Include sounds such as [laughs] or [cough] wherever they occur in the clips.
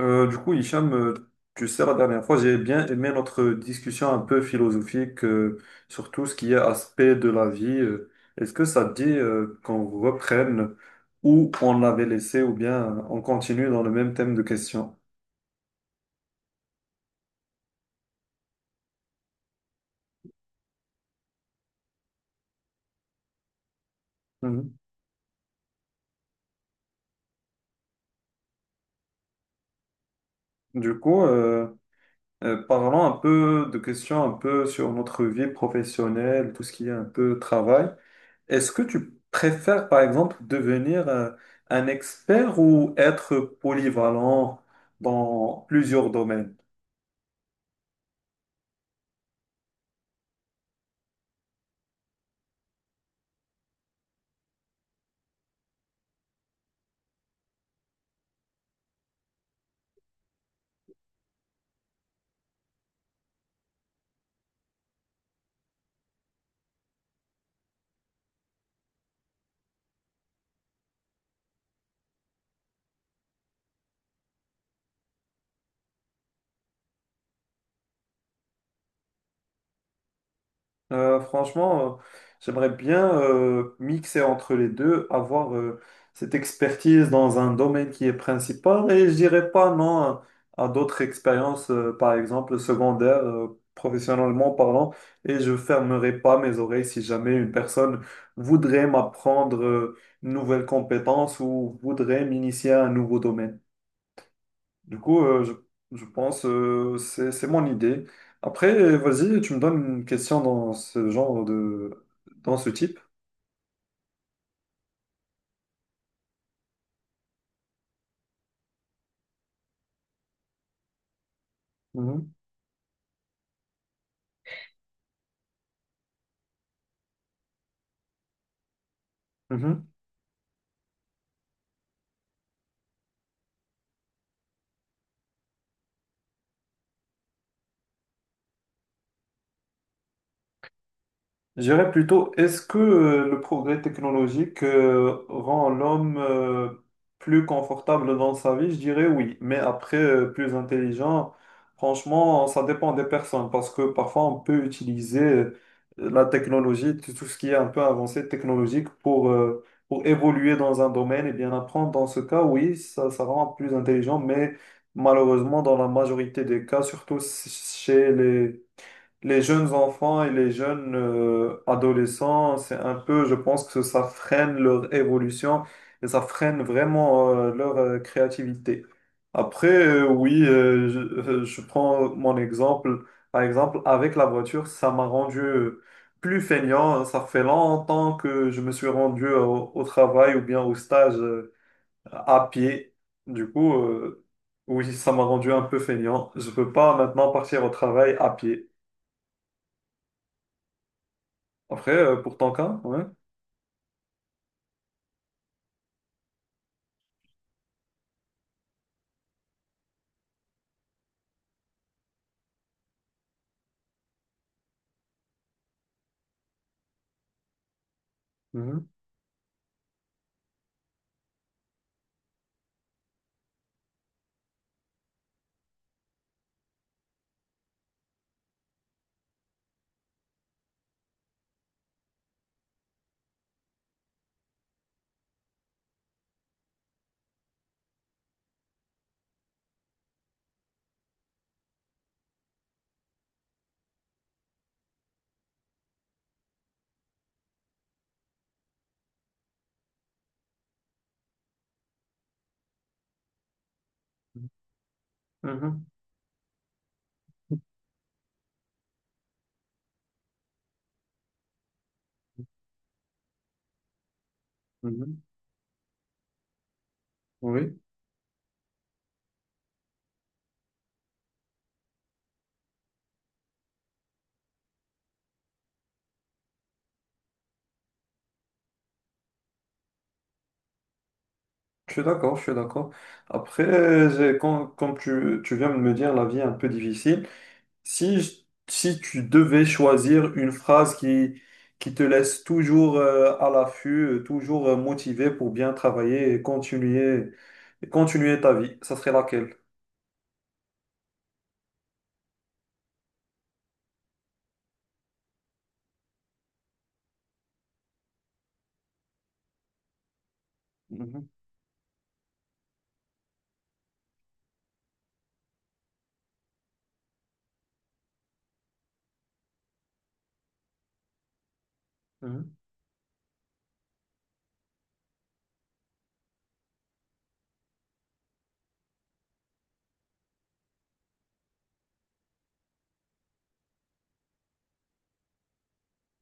Du coup, Hicham, tu sais, la dernière fois, j'ai bien aimé notre discussion un peu philosophique sur tout ce qui est aspect de la vie. Est-ce que ça te dit qu'on reprenne où on l'avait laissé ou bien on continue dans le même thème de questions? Mhm. Du coup, euh, Parlons un peu de questions un peu sur notre vie professionnelle, tout ce qui est un peu travail. Est-ce que tu préfères, par exemple, devenir un expert ou être polyvalent dans plusieurs domaines? Franchement, j'aimerais bien mixer entre les deux, avoir cette expertise dans un domaine qui est principal et je dirais pas non à, à d'autres expériences, par exemple secondaires, professionnellement parlant, et je fermerai pas mes oreilles si jamais une personne voudrait m'apprendre une nouvelle compétence ou voudrait m'initier à un nouveau domaine. Du coup, euh, je, je pense c'est mon idée. Après, vas-y, tu me donnes une question dans ce genre de dans ce type. Mhm. Mhm. Je dirais plutôt, est-ce que le progrès technologique rend l'homme plus confortable dans sa vie? Je dirais oui, mais après, plus intelligent, franchement, ça dépend des personnes, parce que parfois on peut utiliser la technologie, tout ce qui est un peu avancé technologique pour évoluer dans un domaine et bien apprendre. Dans ce cas, oui, ça rend plus intelligent, mais malheureusement, dans la majorité des cas, surtout chez les jeunes enfants et les jeunes adolescents, c'est un peu, je pense que ça freine leur évolution et ça freine vraiment leur créativité. Après, oui, je prends mon exemple. Par exemple, avec la voiture, ça m'a rendu plus feignant. Ça fait longtemps que je me suis rendu au travail ou bien au stage à pied. Du coup, euh, oui, ça m'a rendu un peu feignant. Je peux pas maintenant partir au travail à pied. Après, pour ton cas, ouais. Mhm, mhm, mhm. Oui, je suis d'accord. Après, quand, comme tu viens de me dire, la vie est un peu difficile. Si, je- Si tu devais choisir une phrase qui te laisse toujours à l'affût, toujours motivé pour bien travailler et continuer ta vie, ça serait laquelle? Mhm, mhm.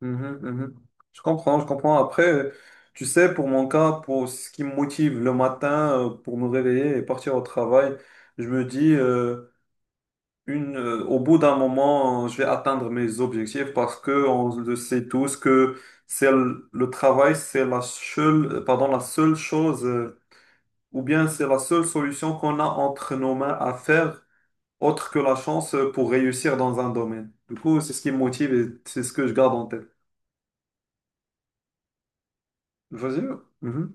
Mhm, mhm. Je comprends. Après, tu sais, pour mon cas, pour ce qui me motive le matin, pour me réveiller et partir au travail, je me dis, au bout d'un moment, je vais atteindre mes objectifs parce que on le sait tous que c'est le travail, c'est la seule, pardon, la seule chose, ou bien c'est la seule solution qu'on a entre nos mains à faire, autre que la chance pour réussir dans un domaine. Du coup, c'est ce qui me motive et c'est ce que je garde en tête. Vas-y. Mhm.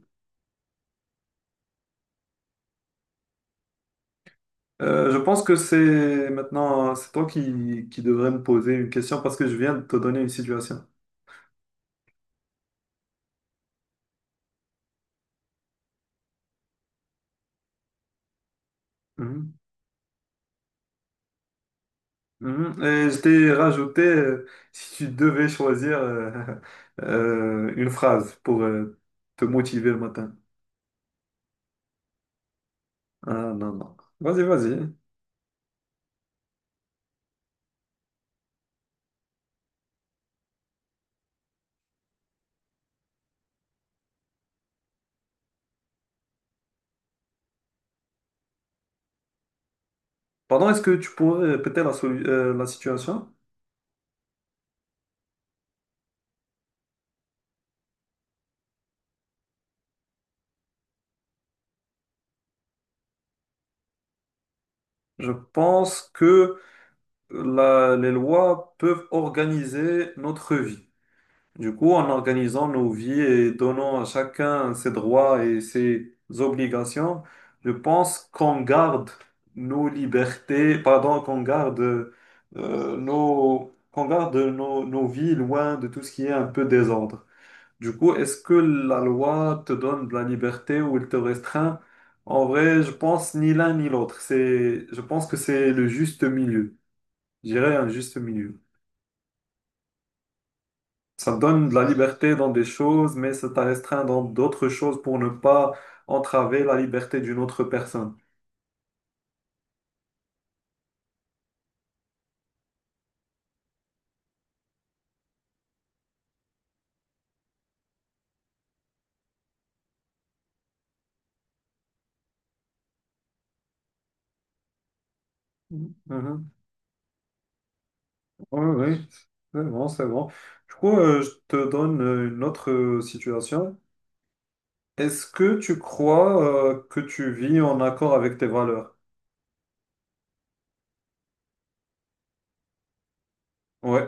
Je pense que c'est maintenant, c'est toi qui devrais me poser une question parce que je viens de te donner une situation. Mhm, mhm. Et je t'ai rajouté, si tu devais choisir [laughs] une phrase pour te motiver le matin. Ah non, non. Vas-y. Pardon, est-ce que tu pourrais répéter la situation? Je pense que les lois peuvent organiser notre vie. Du coup, en organisant nos vies et donnant à chacun ses droits et ses obligations, je pense qu'on garde nos libertés, pardon, qu'on garde qu'on garde nos vies loin de tout ce qui est un peu désordre. Du coup, est-ce que la loi te donne de la liberté ou elle te restreint? En vrai, je pense ni l'un ni l'autre. Je pense que c'est le juste milieu. Je dirais un juste milieu. Ça te donne de la liberté dans des choses, mais ça t'a restreint dans d'autres choses pour ne pas entraver la liberté d'une autre personne. Mhm. Mhm. Oui, oui, c'est bon. Du coup, je te donne une autre situation. Est-ce que tu crois que tu vis en accord avec tes valeurs? Oui.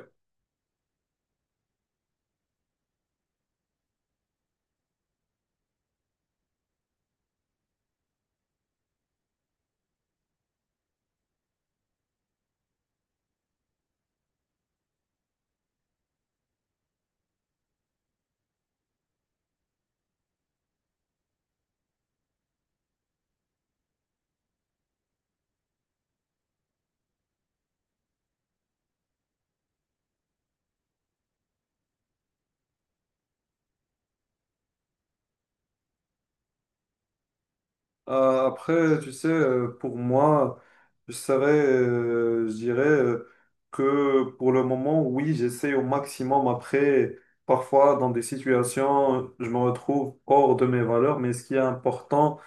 Tu sais, pour moi, je dirais que pour le moment, oui, j'essaie au maximum. Après, parfois, dans des situations, je me retrouve hors de mes valeurs, mais ce qui est important,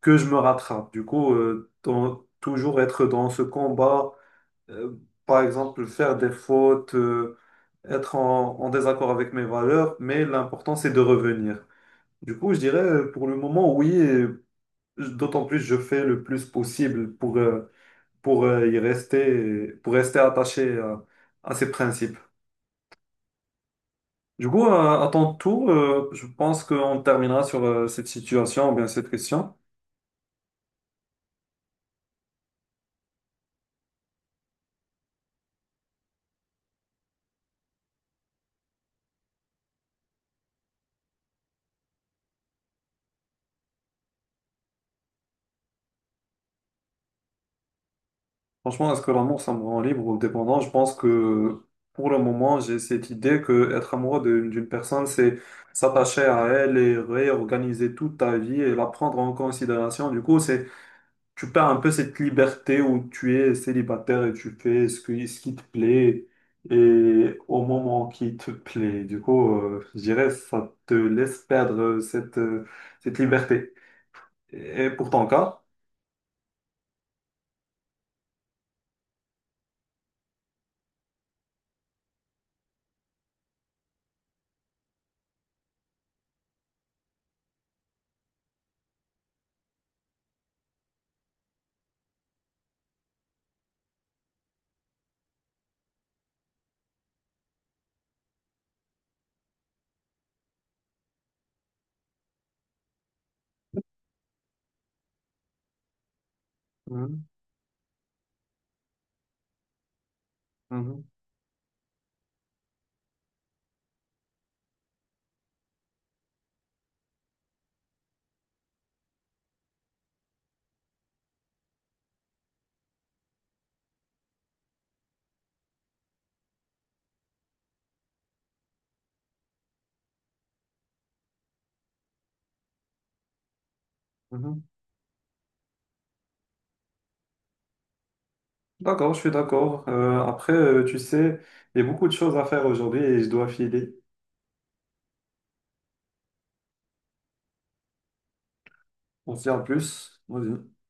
que je me rattrape. Toujours être dans ce combat, euh, par exemple, faire des fautes, être en désaccord avec mes valeurs, mais l'important, c'est de revenir. Du coup, je dirais, pour le moment, oui. D'autant plus, je fais le plus possible pour y rester, pour rester attaché à ces principes. Du coup, à ton tour, je pense qu'on terminera sur cette situation ou bien cette question. Franchement, est-ce que l'amour, ça me rend libre ou dépendant? Je pense que pour le moment, j'ai cette idée que être amoureux d'une personne, c'est s'attacher à elle et réorganiser toute ta vie et la prendre en considération. Du coup, c'est, tu perds un peu cette liberté où tu es célibataire et tu fais ce ce qui te plaît et au moment qui te plaît. Du coup, je dirais, ça te laisse perdre cette, cette liberté. Et pour ton cas? Mhm, mhm, mhm. D'accord, je suis d'accord. Tu sais, il y a beaucoup de choses à faire aujourd'hui et je dois filer. On se dit en plus. Vas-y.